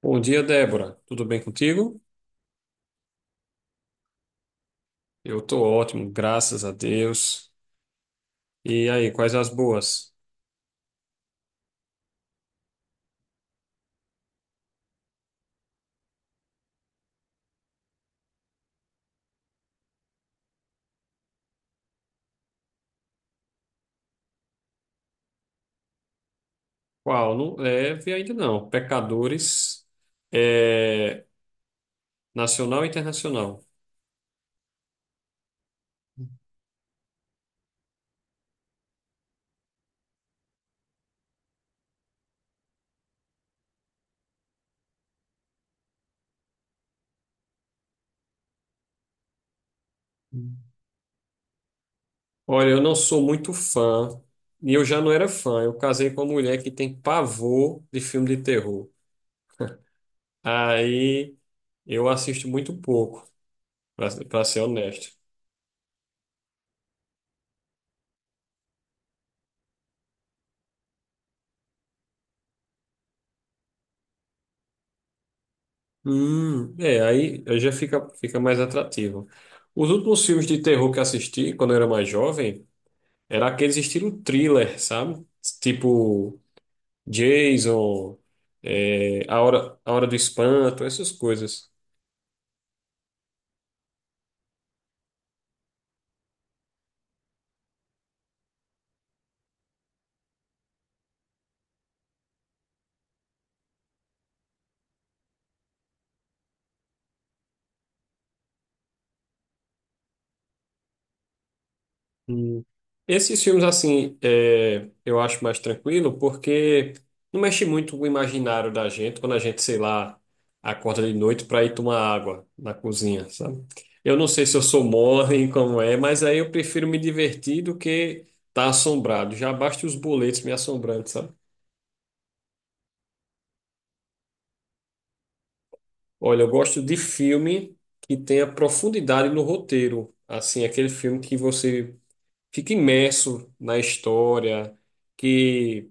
Bom dia, Débora. Tudo bem contigo? Eu tô ótimo, graças a Deus. E aí, quais as boas? Qual? Não leve ainda não. Pecadores, é, nacional e internacional. Hum. Olha, eu não sou muito fã, e eu já não era fã. Eu casei com uma mulher que tem pavor de filme de terror. Aí eu assisto muito pouco, para ser honesto. É, aí fica mais atrativo. Os últimos filmes de terror que assisti quando eu era mais jovem era aqueles estilo thriller, sabe? Tipo Jason, é, A Hora do Espanto, essas coisas. Hum. Esses filmes, assim, é, eu acho mais tranquilo porque não mexe muito com o imaginário da gente quando a gente, sei lá, acorda de noite para ir tomar água na cozinha, sabe? Eu não sei se eu sou mole, como é, mas aí eu prefiro me divertir do que estar tá assombrado. Já basta os boletos me assombrando, sabe? Olha, eu gosto de filme que tenha profundidade no roteiro. Assim, aquele filme que você fica imerso na história, que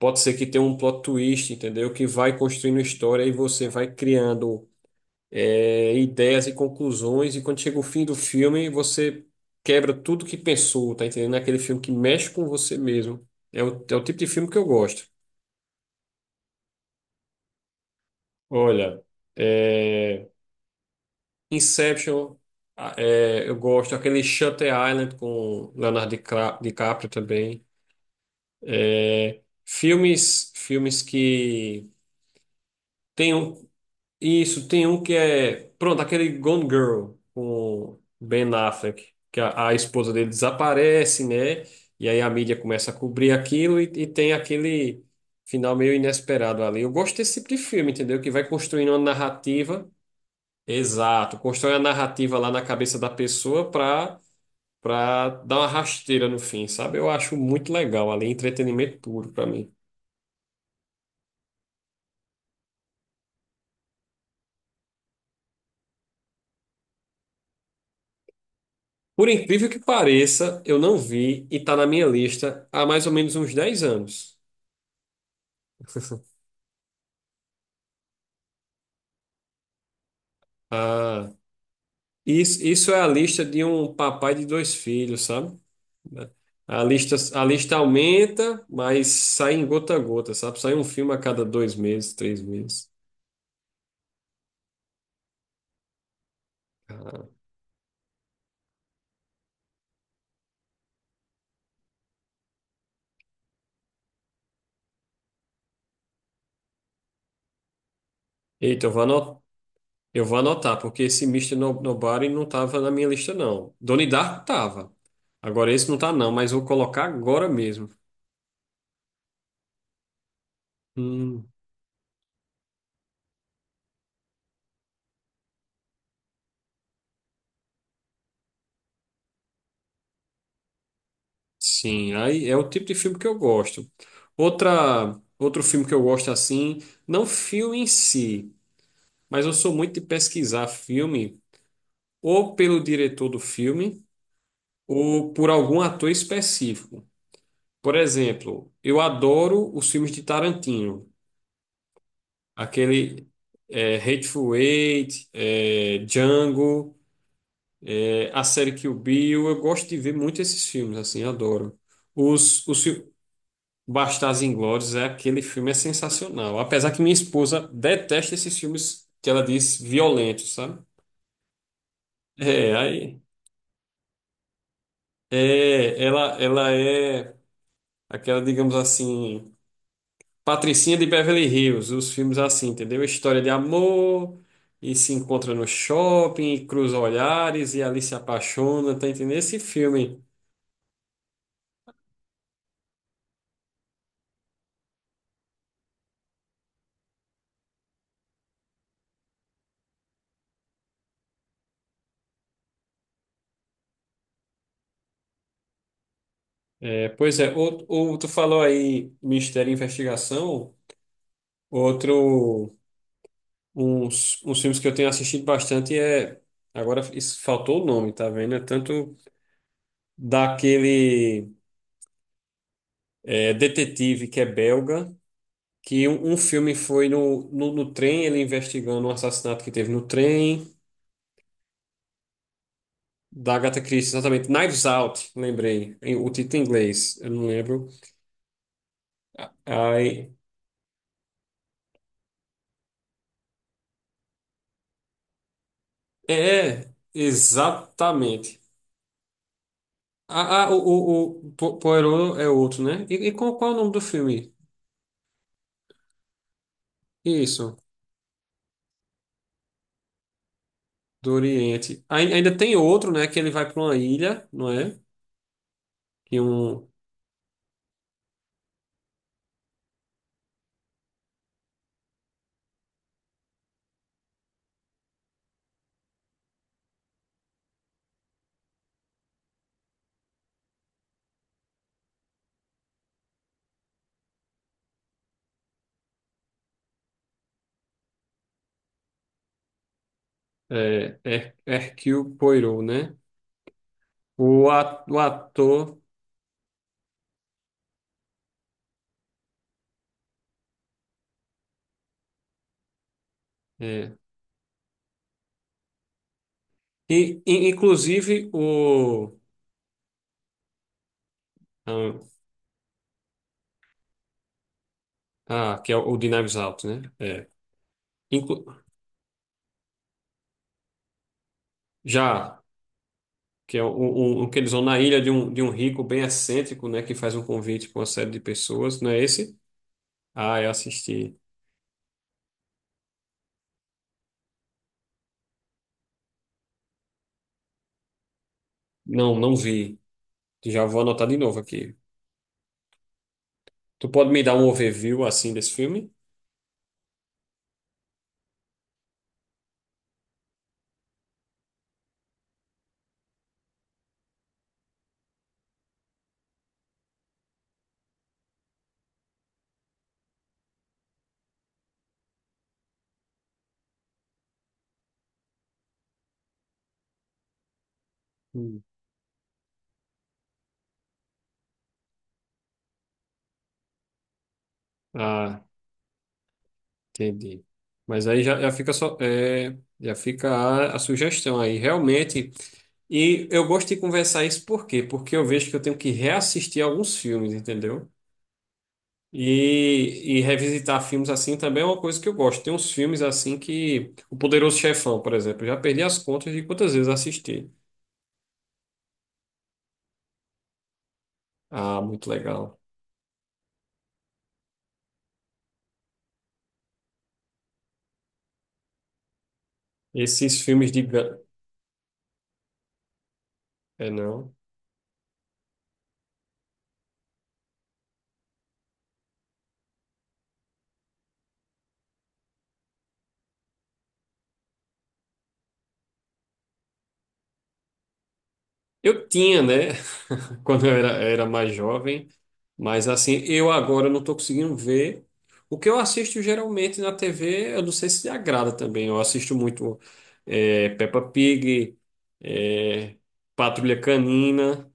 pode ser que tenha um plot twist, entendeu? Que vai construindo história e você vai criando ideias e conclusões, e quando chega o fim do filme, você quebra tudo que pensou, tá entendendo? É aquele filme que mexe com você mesmo. É o tipo de filme que eu gosto. Olha, é, Inception, eu gosto. Aquele Shutter Island com DiCaprio também. É, filmes que tenham. Isso, tem um que é. Pronto, aquele Gone Girl com Ben Affleck, que a esposa dele desaparece, né? E aí a mídia começa a cobrir aquilo e tem aquele final meio inesperado ali. Eu gosto desse tipo de filme, entendeu? Que vai construindo uma narrativa. Exato, constrói a narrativa lá na cabeça da pessoa pra dar uma rasteira no fim, sabe? Eu acho muito legal ali, entretenimento puro pra mim. Por incrível que pareça, eu não vi e tá na minha lista há mais ou menos uns 10 anos. Ah, isso é a lista de um papai de dois filhos, sabe? A lista aumenta, mas sai em gota a gota, sabe? Sai um filme a cada dois meses, três meses. Eita, eu vou anotar, porque esse Mr. No- Nobody não tava na minha lista, não. Donnie Darko tava. Agora esse não tá, não, mas vou colocar agora mesmo. Hum. Sim, aí é o tipo de filme que eu gosto. Outro filme que eu gosto assim, não filme em si, mas eu sou muito de pesquisar filme ou pelo diretor do filme ou por algum ator específico. Por exemplo, eu adoro os filmes de Tarantino, aquele Hateful Eight, Django, a série Kill Bill. Eu gosto de ver muito esses filmes, assim, adoro. Os, os, fi- Bastardos Inglórios é aquele filme é sensacional. Apesar que minha esposa detesta esses filmes que ela diz violentos, sabe? É, aí é, ela é aquela, digamos assim, Patricinha de Beverly Hills, os filmes assim, entendeu? História de amor e se encontra no shopping, e cruza olhares e ali se apaixona, tá entendendo? Esse filme. É, pois é, ou tu falou aí Mistério e Investigação, outro uns filmes que eu tenho assistido bastante é. Agora isso, faltou o nome, tá vendo? É tanto daquele detetive que é belga, que um filme foi no trem, ele investigando um assassinato que teve no trem, da Agatha Christie, exatamente. Knives Out, lembrei. O título em inglês, eu não lembro. Aí, é, exatamente. O Poirot é outro, né? E qual é o nome do filme? Isso. Do Oriente. Ainda tem outro, né? Que ele vai para uma ilha, não é? Que um é, Hercule Poirot, né? O, o ator. É. Inclusive o. Ah, ah, que é o de Knives Out, né? É. Inclu- já, que é o que eles vão na ilha de um rico bem excêntrico, né? Que faz um convite para uma série de pessoas, não é esse? Ah, eu assisti. Não, não vi. Já vou anotar de novo aqui. Tu pode me dar um overview assim desse filme? Hum. Ah, entendi. Mas aí já fica só, é, já fica a sugestão aí, realmente. E eu gosto de conversar isso por quê? Porque eu vejo que eu tenho que reassistir alguns filmes, entendeu? E revisitar filmes assim também é uma coisa que eu gosto. Tem uns filmes assim que. O Poderoso Chefão, por exemplo. Eu já perdi as contas de quantas vezes eu assisti. Ah, muito legal. Esses filmes de. É, não. Eu tinha, né? Quando eu era mais jovem. Mas assim, eu agora não estou conseguindo ver. O que eu assisto geralmente na TV, eu não sei se agrada também. Eu assisto muito Peppa Pig, eh, Patrulha Canina.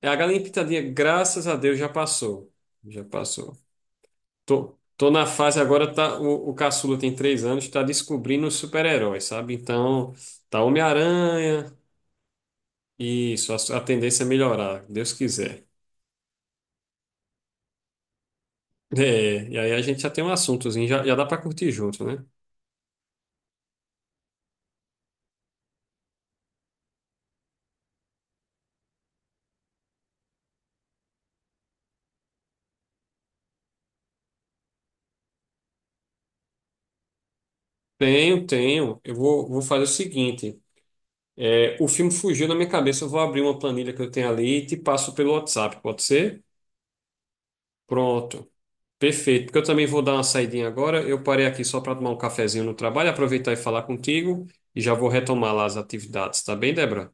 É, a galinha pintadinha, graças a Deus, já passou. Já passou. Tô na fase agora, tá, o caçula tem 3 anos, tá descobrindo os super-heróis, sabe? Então, tá Homem-Aranha, isso, a tendência é melhorar, Deus quiser. É, e aí a gente já tem um assuntozinho, já dá pra curtir junto, né? Tenho, tenho. Vou fazer o seguinte. O filme fugiu da minha cabeça, eu vou abrir uma planilha que eu tenho ali e te passo pelo WhatsApp, pode ser? Pronto. Perfeito. Porque eu também vou dar uma saidinha agora. Eu parei aqui só para tomar um cafezinho no trabalho, aproveitar e falar contigo e já vou retomar lá as atividades, tá bem, Débora?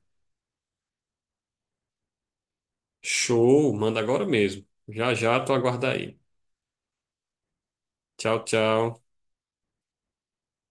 Show, manda agora mesmo. Já já, tu aguarda aí. Tchau, tchau.